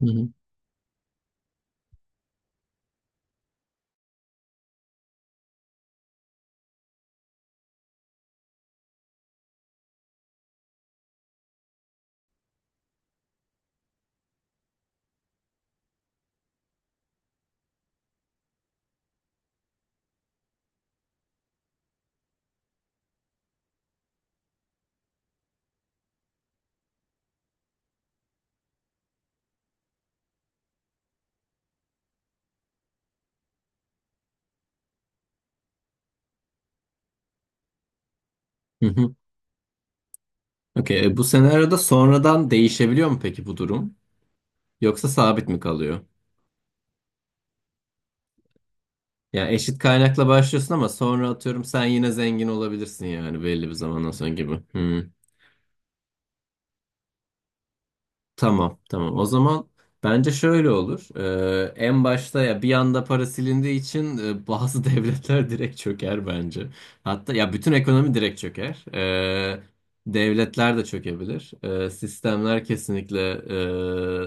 Hı hı. Hı hı. Okey. Bu senaryoda sonradan değişebiliyor mu peki bu durum? Yoksa sabit mi kalıyor? Yani eşit kaynakla başlıyorsun ama sonra atıyorum sen yine zengin olabilirsin yani belli bir zamandan sonra gibi. Hı. Tamam, tamam. O zaman bence şöyle olur. En başta ya bir anda para silindiği için bazı devletler direkt çöker bence. Hatta ya bütün ekonomi direkt çöker. Devletler de çökebilir. Sistemler kesinlikle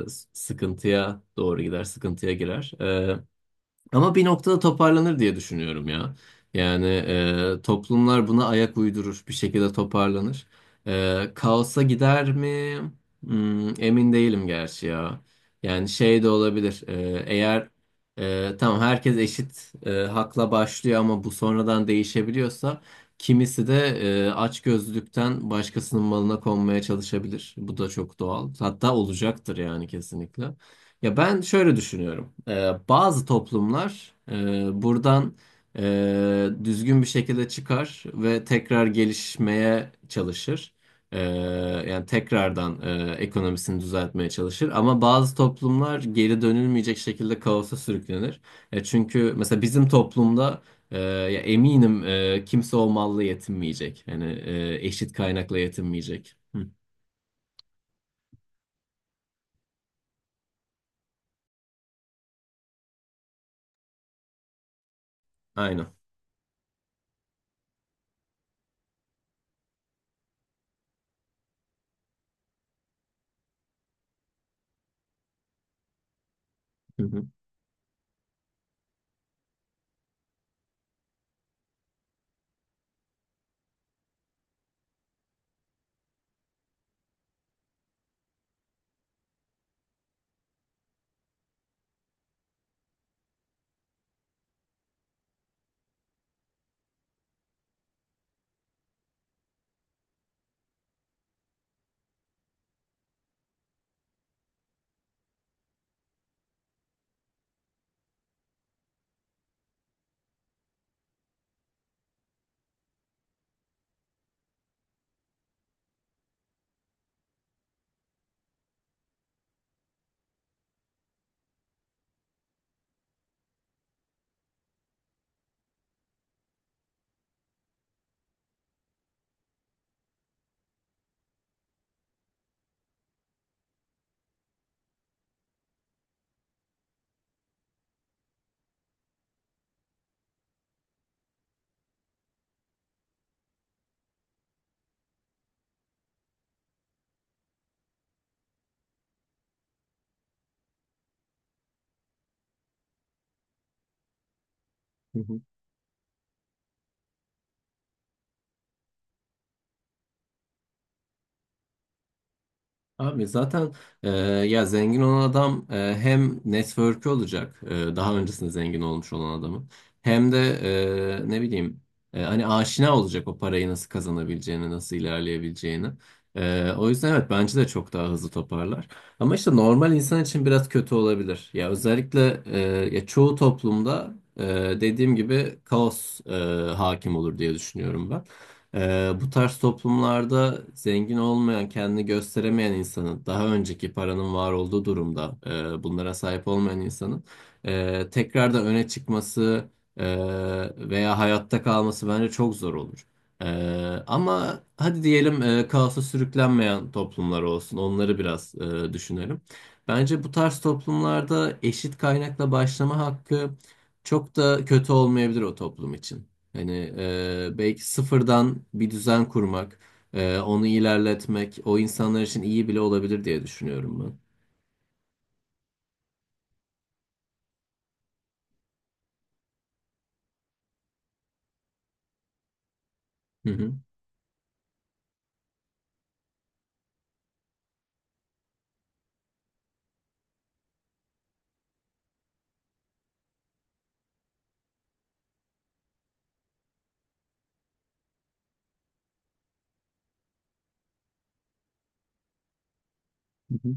sıkıntıya doğru gider, sıkıntıya girer. Ama bir noktada toparlanır diye düşünüyorum ya. Yani toplumlar buna ayak uydurur, bir şekilde toparlanır. Kaosa gider mi? Emin değilim gerçi ya. Yani şey de olabilir. Eğer tamam herkes eşit hakla başlıyor ama bu sonradan değişebiliyorsa kimisi de açgözlülükten başkasının malına konmaya çalışabilir. Bu da çok doğal. Hatta olacaktır yani kesinlikle. Ya ben şöyle düşünüyorum. Bazı toplumlar buradan düzgün bir şekilde çıkar ve tekrar gelişmeye çalışır. Ee, Yani tekrardan ekonomisini düzeltmeye çalışır. Ama bazı toplumlar geri dönülmeyecek şekilde kaosa sürüklenir. Çünkü mesela bizim toplumda ya eminim kimse o malla yetinmeyecek. Yani eşit kaynakla yetinmeyecek. Hı, aynen. Hı hı, hı hı. Abi zaten e, ya zengin olan adam hem network'ü olacak, daha öncesinde zengin olmuş olan adamın hem de ne bileyim, hani aşina olacak o parayı nasıl kazanabileceğini nasıl ilerleyebileceğini. O yüzden evet bence de çok daha hızlı toparlar. Ama işte normal insan için biraz kötü olabilir. Ya özellikle ya çoğu toplumda e, dediğim gibi kaos hakim olur diye düşünüyorum ben. Bu tarz toplumlarda zengin olmayan, kendini gösteremeyen insanın, daha önceki paranın var olduğu durumda bunlara sahip olmayan insanın tekrardan öne çıkması e, veya hayatta kalması bence çok zor olur. E, Ama hadi diyelim kaosa sürüklenmeyen toplumlar olsun, onları biraz düşünelim. Bence bu tarz toplumlarda eşit kaynakla başlama hakkı çok da kötü olmayabilir o toplum için. Hani belki sıfırdan bir düzen kurmak, onu ilerletmek, o insanlar için iyi bile olabilir diye düşünüyorum ben. Hı hı. Hı hı.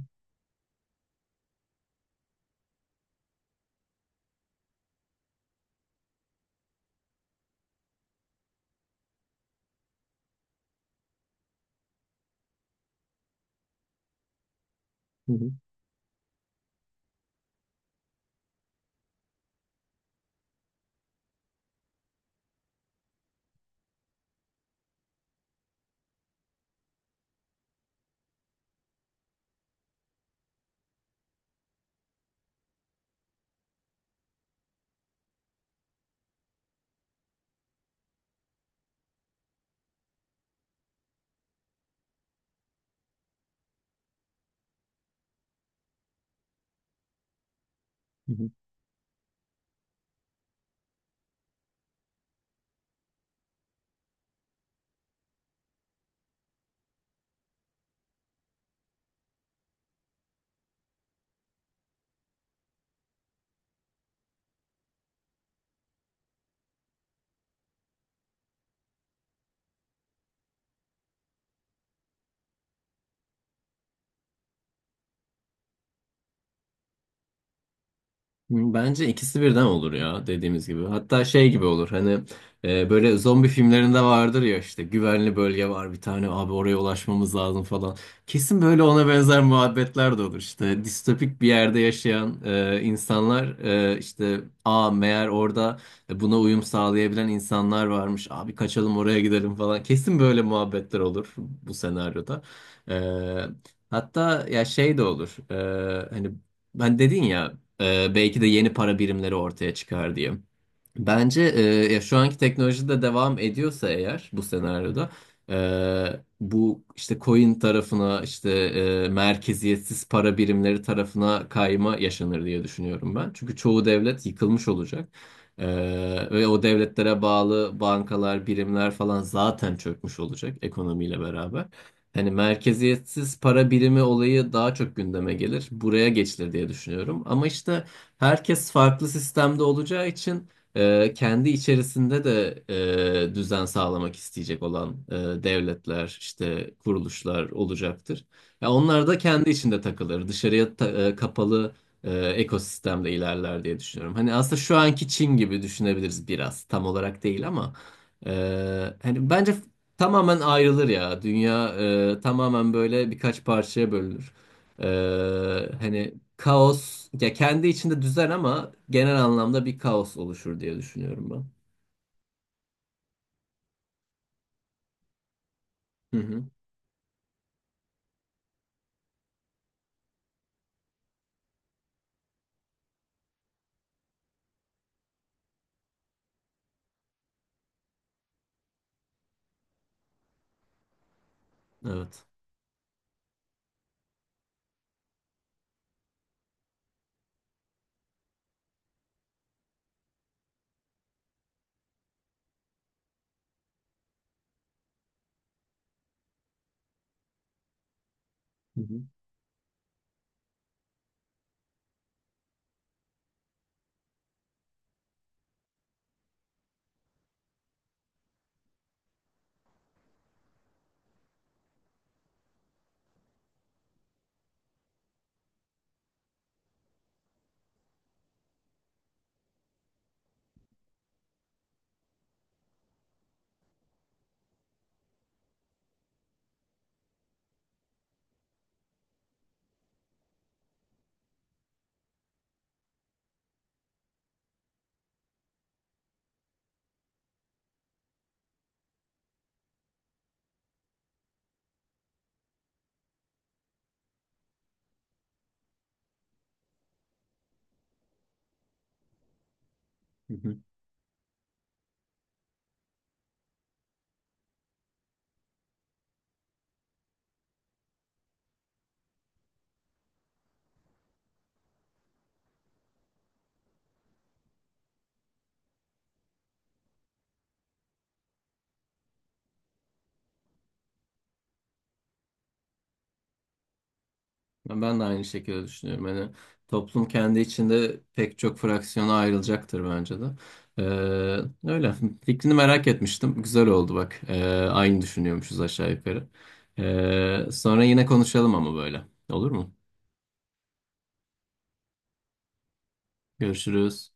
Hı hı. Bence ikisi birden olur ya dediğimiz gibi. Hatta şey gibi olur, hani böyle zombi filmlerinde vardır ya, işte güvenli bölge var bir tane abi, oraya ulaşmamız lazım falan. Kesin böyle ona benzer muhabbetler de olur. İşte distopik bir yerde yaşayan insanlar, işte a meğer orada buna uyum sağlayabilen insanlar varmış abi, kaçalım oraya gidelim falan. Kesin böyle muhabbetler olur bu senaryoda. E, Hatta ya şey de olur. Hani ben dedin ya. Belki de yeni para birimleri ortaya çıkar diye. Bence ya şu anki teknoloji de devam ediyorsa eğer bu senaryoda bu işte coin tarafına, işte merkeziyetsiz para birimleri tarafına kayma yaşanır diye düşünüyorum ben. Çünkü çoğu devlet yıkılmış olacak. E, Ve o devletlere bağlı bankalar, birimler falan zaten çökmüş olacak ekonomiyle beraber. Hani merkeziyetsiz para birimi olayı daha çok gündeme gelir. Buraya geçilir diye düşünüyorum. Ama işte herkes farklı sistemde olacağı için kendi içerisinde de düzen sağlamak isteyecek olan devletler, işte kuruluşlar olacaktır. Ya onlar da kendi içinde takılır, dışarıya kapalı ekosistemde ilerler diye düşünüyorum. Hani aslında şu anki Çin gibi düşünebiliriz biraz, tam olarak değil ama hani bence tamamen ayrılır ya, dünya tamamen böyle birkaç parçaya bölünür. Ee, Hani kaos ya kendi içinde düzen ama genel anlamda bir kaos oluşur diye düşünüyorum ben. Hı hı. Evet. Hı hı. Hı hı. Ben de aynı şekilde düşünüyorum. Hani toplum kendi içinde pek çok fraksiyona ayrılacaktır bence de. Öyle. Fikrini merak etmiştim. Güzel oldu bak. Aynı düşünüyormuşuz aşağı yukarı. Sonra yine konuşalım ama böyle. Olur mu? Görüşürüz.